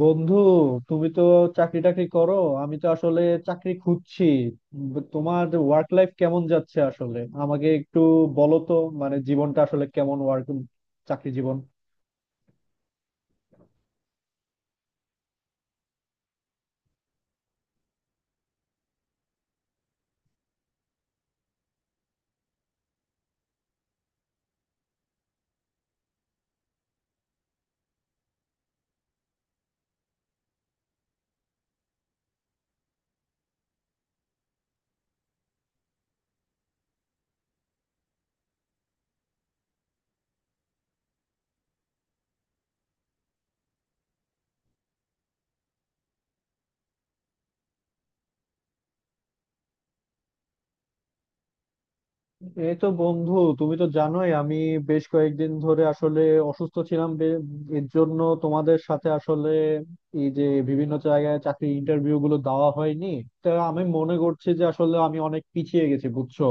বন্ধু, তুমি তো চাকরি টাকরি করো। আমি তো আসলে চাকরি খুঁজছি। তোমার ওয়ার্ক লাইফ কেমন যাচ্ছে আসলে আমাকে একটু বলো তো। মানে জীবনটা আসলে কেমন, ওয়ার্ক চাকরি জীবন? এই তো বন্ধু, তুমি তো জানোই আমি বেশ কয়েকদিন ধরে আসলে অসুস্থ ছিলাম। এর জন্য তোমাদের সাথে আসলে এই যে বিভিন্ন জায়গায় চাকরি ইন্টারভিউ গুলো দেওয়া হয়নি। তা আমি মনে করছি যে আসলে আমি অনেক পিছিয়ে গেছি, বুঝছো।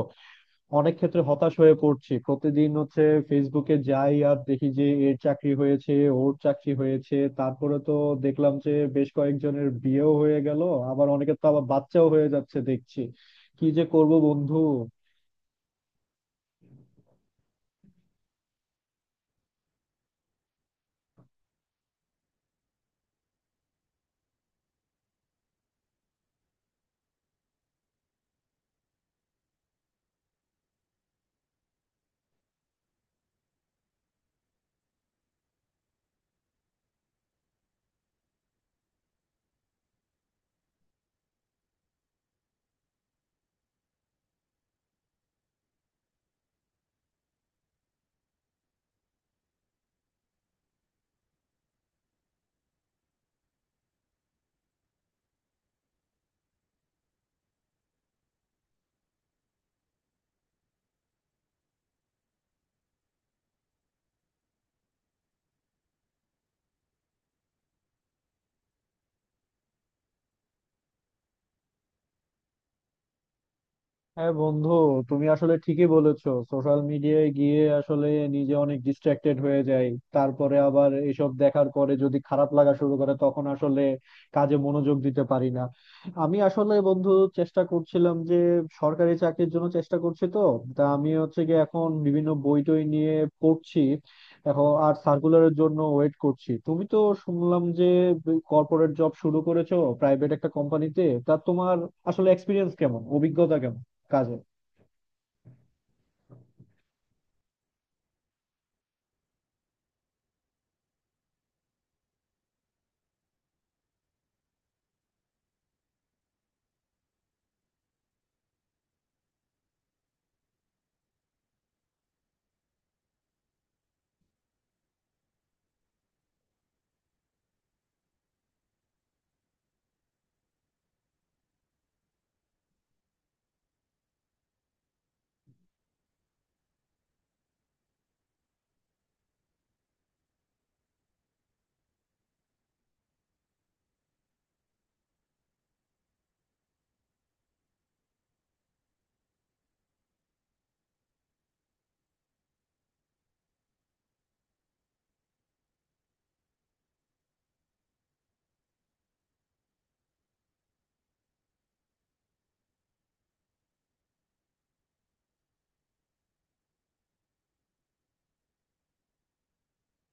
অনেক ক্ষেত্রে হতাশ হয়ে পড়ছি প্রতিদিন। হচ্ছে ফেসবুকে যাই আর দেখি যে এর চাকরি হয়েছে, ওর চাকরি হয়েছে। তারপরে তো দেখলাম যে বেশ কয়েকজনের বিয়েও হয়ে গেল, আবার অনেকের তো আবার বাচ্চাও হয়ে যাচ্ছে দেখছি। কি যে করব বন্ধু। হ্যাঁ বন্ধু, তুমি আসলে ঠিকই বলেছো। সোশ্যাল মিডিয়ায় গিয়ে আসলে নিজে অনেক ডিস্ট্রাক্টেড হয়ে যায়। তারপরে আবার এসব দেখার পরে যদি খারাপ লাগা শুরু করে তখন আসলে কাজে মনোযোগ দিতে পারি না। আমি আসলে বন্ধু চেষ্টা করছিলাম যে সরকারি চাকরির জন্য চেষ্টা করছি তো। তা আমি হচ্ছে গিয়ে এখন বিভিন্ন বই টই নিয়ে পড়ছি। এখন আর সার্কুলারের জন্য ওয়েট করছি। তুমি তো শুনলাম যে কর্পোরেট জব শুরু করেছো, প্রাইভেট একটা কোম্পানিতে। তা তোমার আসলে এক্সপিরিয়েন্স কেমন, অভিজ্ঞতা কেমন কাজে?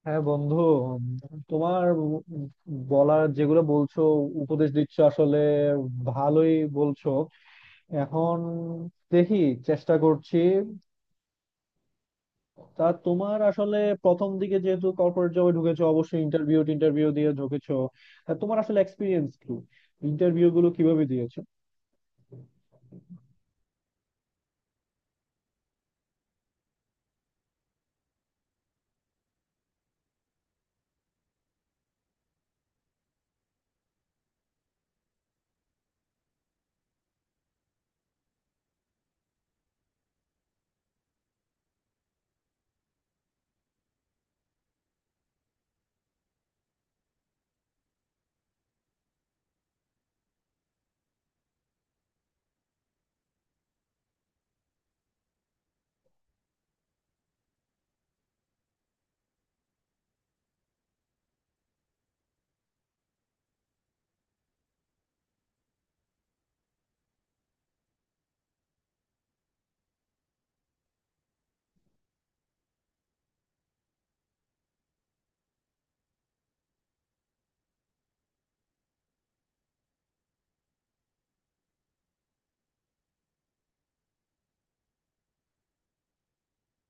হ্যাঁ বন্ধু, উম, তোমার বলার, যেগুলো বলছো, উপদেশ দিচ্ছ আসলে ভালোই বলছো। এখন দেখি, চেষ্টা করছি। তা তোমার আসলে প্রথম দিকে যেহেতু কর্পোরেট জবে ঢুকেছো, অবশ্যই ইন্টারভিউ ইন্টারভিউ দিয়ে ঢুকেছো। তা তোমার আসলে এক্সপিরিয়েন্স কি, ইন্টারভিউ গুলো কিভাবে দিয়েছো?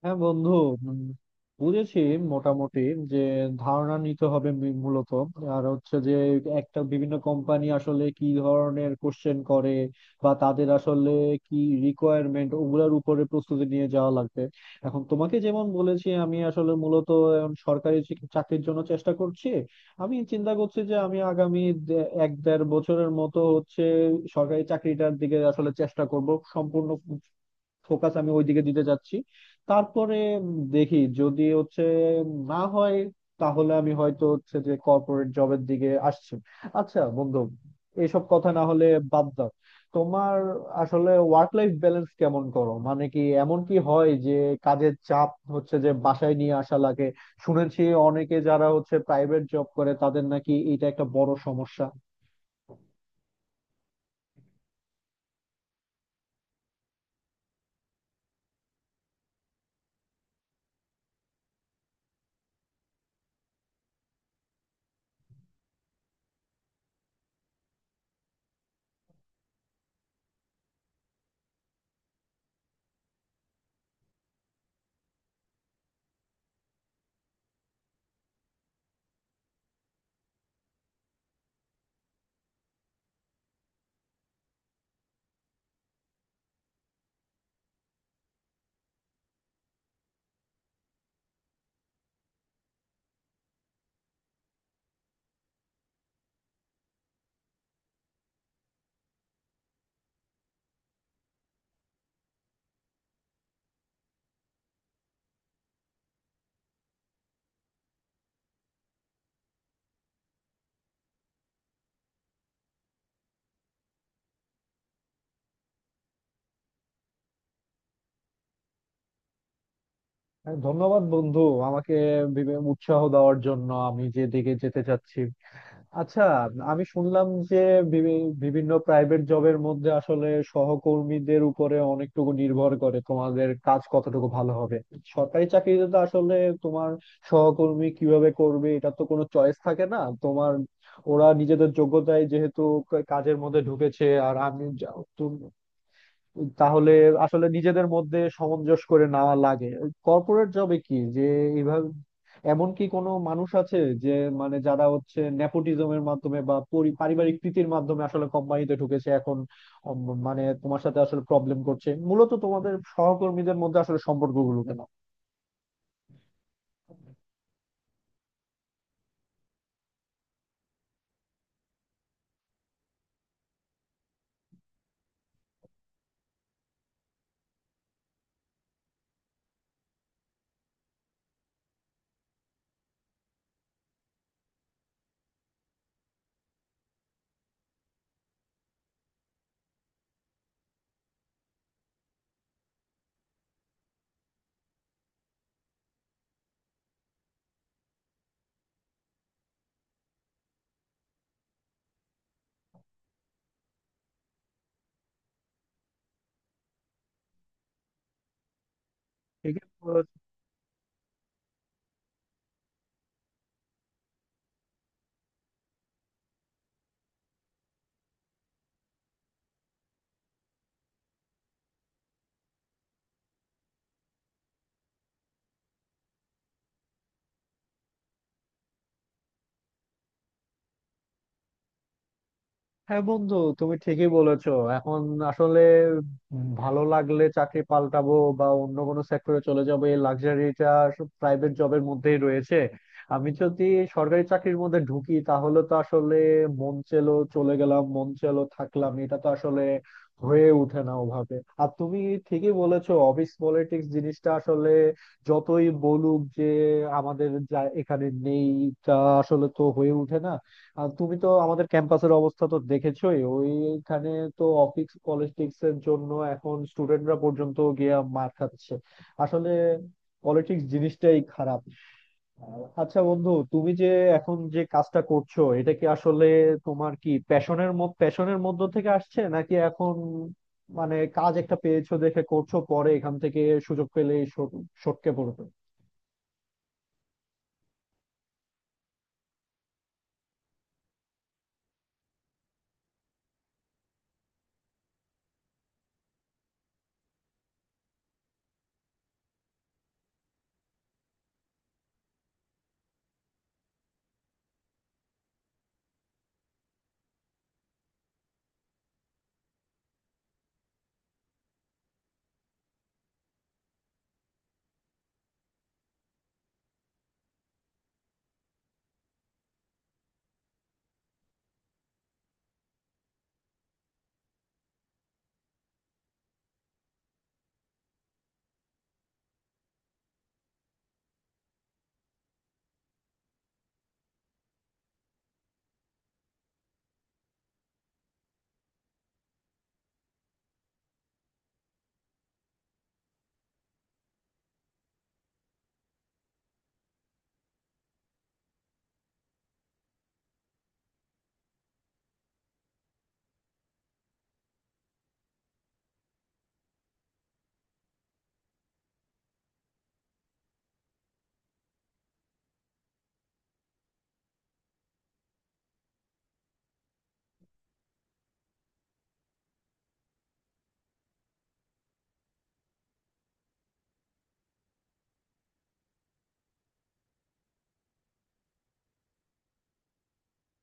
হ্যাঁ বন্ধু, উম, বুঝেছি মোটামুটি যে ধারণা নিতে হবে মূলত। আর হচ্ছে যে একটা বিভিন্ন কোম্পানি আসলে কি ধরনের কোশ্চেন করে বা তাদের আসলে কি রিকোয়ারমেন্ট, ওগুলোর উপরে প্রস্তুতি নিয়ে যাওয়া লাগবে। এখন তোমাকে যেমন বলেছি, আমি আসলে মূলত এখন সরকারি চাকরির জন্য চেষ্টা করছি। আমি চিন্তা করছি যে আমি আগামী এক দেড় বছরের মতো হচ্ছে সরকারি চাকরিটার দিকে আসলে চেষ্টা করব। সম্পূর্ণ ফোকাস আমি ওইদিকে দিতে চাচ্ছি। তারপরে উম দেখি যদি হচ্ছে না হয় তাহলে আমি হয়তো হচ্ছে যে কর্পোরেট জবের দিকে আসছি। আচ্ছা বন্ধু, এইসব কথা না হলে বাদ দাও। তোমার আসলে ওয়ার্ক লাইফ ব্যালেন্স কেমন করো? মানে কি এমন কি হয় যে কাজের চাপ হচ্ছে যে বাসায় নিয়ে আসা লাগে? শুনেছি অনেকে যারা হচ্ছে প্রাইভেট জব করে তাদের নাকি এটা একটা বড় সমস্যা। হ্যাঁ, ধন্যবাদ বন্ধু, আমাকে উৎসাহ দেওয়ার জন্য। আমি যে দিকে যেতে চাচ্ছি, আচ্ছা আমি শুনলাম যে বিভিন্ন প্রাইভেট জবের মধ্যে আসলে সহকর্মীদের উপরে অনেকটুকু নির্ভর করে তোমাদের কাজ কতটুকু ভালো হবে। সরকারি চাকরিতে তো আসলে তোমার সহকর্মী কিভাবে করবে এটা তো কোনো চয়েস থাকে না তোমার। ওরা নিজেদের যোগ্যতায় যেহেতু কাজের মধ্যে ঢুকেছে আর আমি, তাহলে আসলে নিজেদের মধ্যে সামঞ্জস্য করে নেওয়া লাগে। কর্পোরেট জবে কি যে এইভাবে এমন কি কোনো মানুষ আছে যে, মানে যারা হচ্ছে নেপোটিজমের মাধ্যমে বা পারিবারিক প্রীতির মাধ্যমে আসলে কোম্পানিতে ঢুকেছে এখন? উম, মানে তোমার সাথে আসলে প্রবলেম করছে মূলত, তোমাদের সহকর্মীদের মধ্যে আসলে সম্পর্কগুলো কেন? হ্যাঁ বন্ধু, তুমি ঠিকই বলেছো। এখন আসলে ভালো লাগলে চাকরি পাল্টাবো বা অন্য কোনো সেক্টরে চলে যাবো, এই লাক্সারিটা প্রাইভেট জবের মধ্যেই রয়েছে। আমি যদি সরকারি চাকরির মধ্যে ঢুকি তাহলে তো আসলে মন চেলো চলে গেলাম মন চেলো থাকলাম, এটা তো আসলে হয়ে ওঠে না ওভাবে। আর তুমি ঠিকই বলেছো, অফিস পলিটিক্স জিনিসটা আসলে যতই বলুক যে আমাদের যা এখানে নেই, তা আসলে তো হয়ে ওঠে না। আর তুমি তো আমাদের ক্যাম্পাসের অবস্থা তো দেখেছোই, ওইখানে তো অফিস পলিটিক্স এর জন্য এখন স্টুডেন্টরা পর্যন্ত গিয়ে মার খাচ্ছে। আসলে পলিটিক্স জিনিসটাই খারাপ। আচ্ছা বন্ধু, তুমি যে এখন যে কাজটা করছো এটা কি আসলে তোমার কি প্যাশনের, প্যাশনের মধ্য থেকে আসছে, নাকি এখন মানে কাজ একটা পেয়েছো দেখে করছো, পরে এখান থেকে সুযোগ পেলে সটকে পড়বে?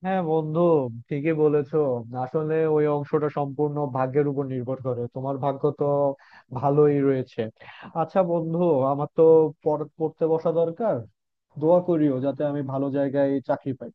হ্যাঁ বন্ধু, ঠিকই বলেছো। আসলে ওই অংশটা সম্পূর্ণ ভাগ্যের উপর নির্ভর করে, তোমার ভাগ্য তো ভালোই রয়েছে। আচ্ছা বন্ধু, আমার তো পড়তে বসা দরকার। দোয়া করিও যাতে আমি ভালো জায়গায় চাকরি পাই।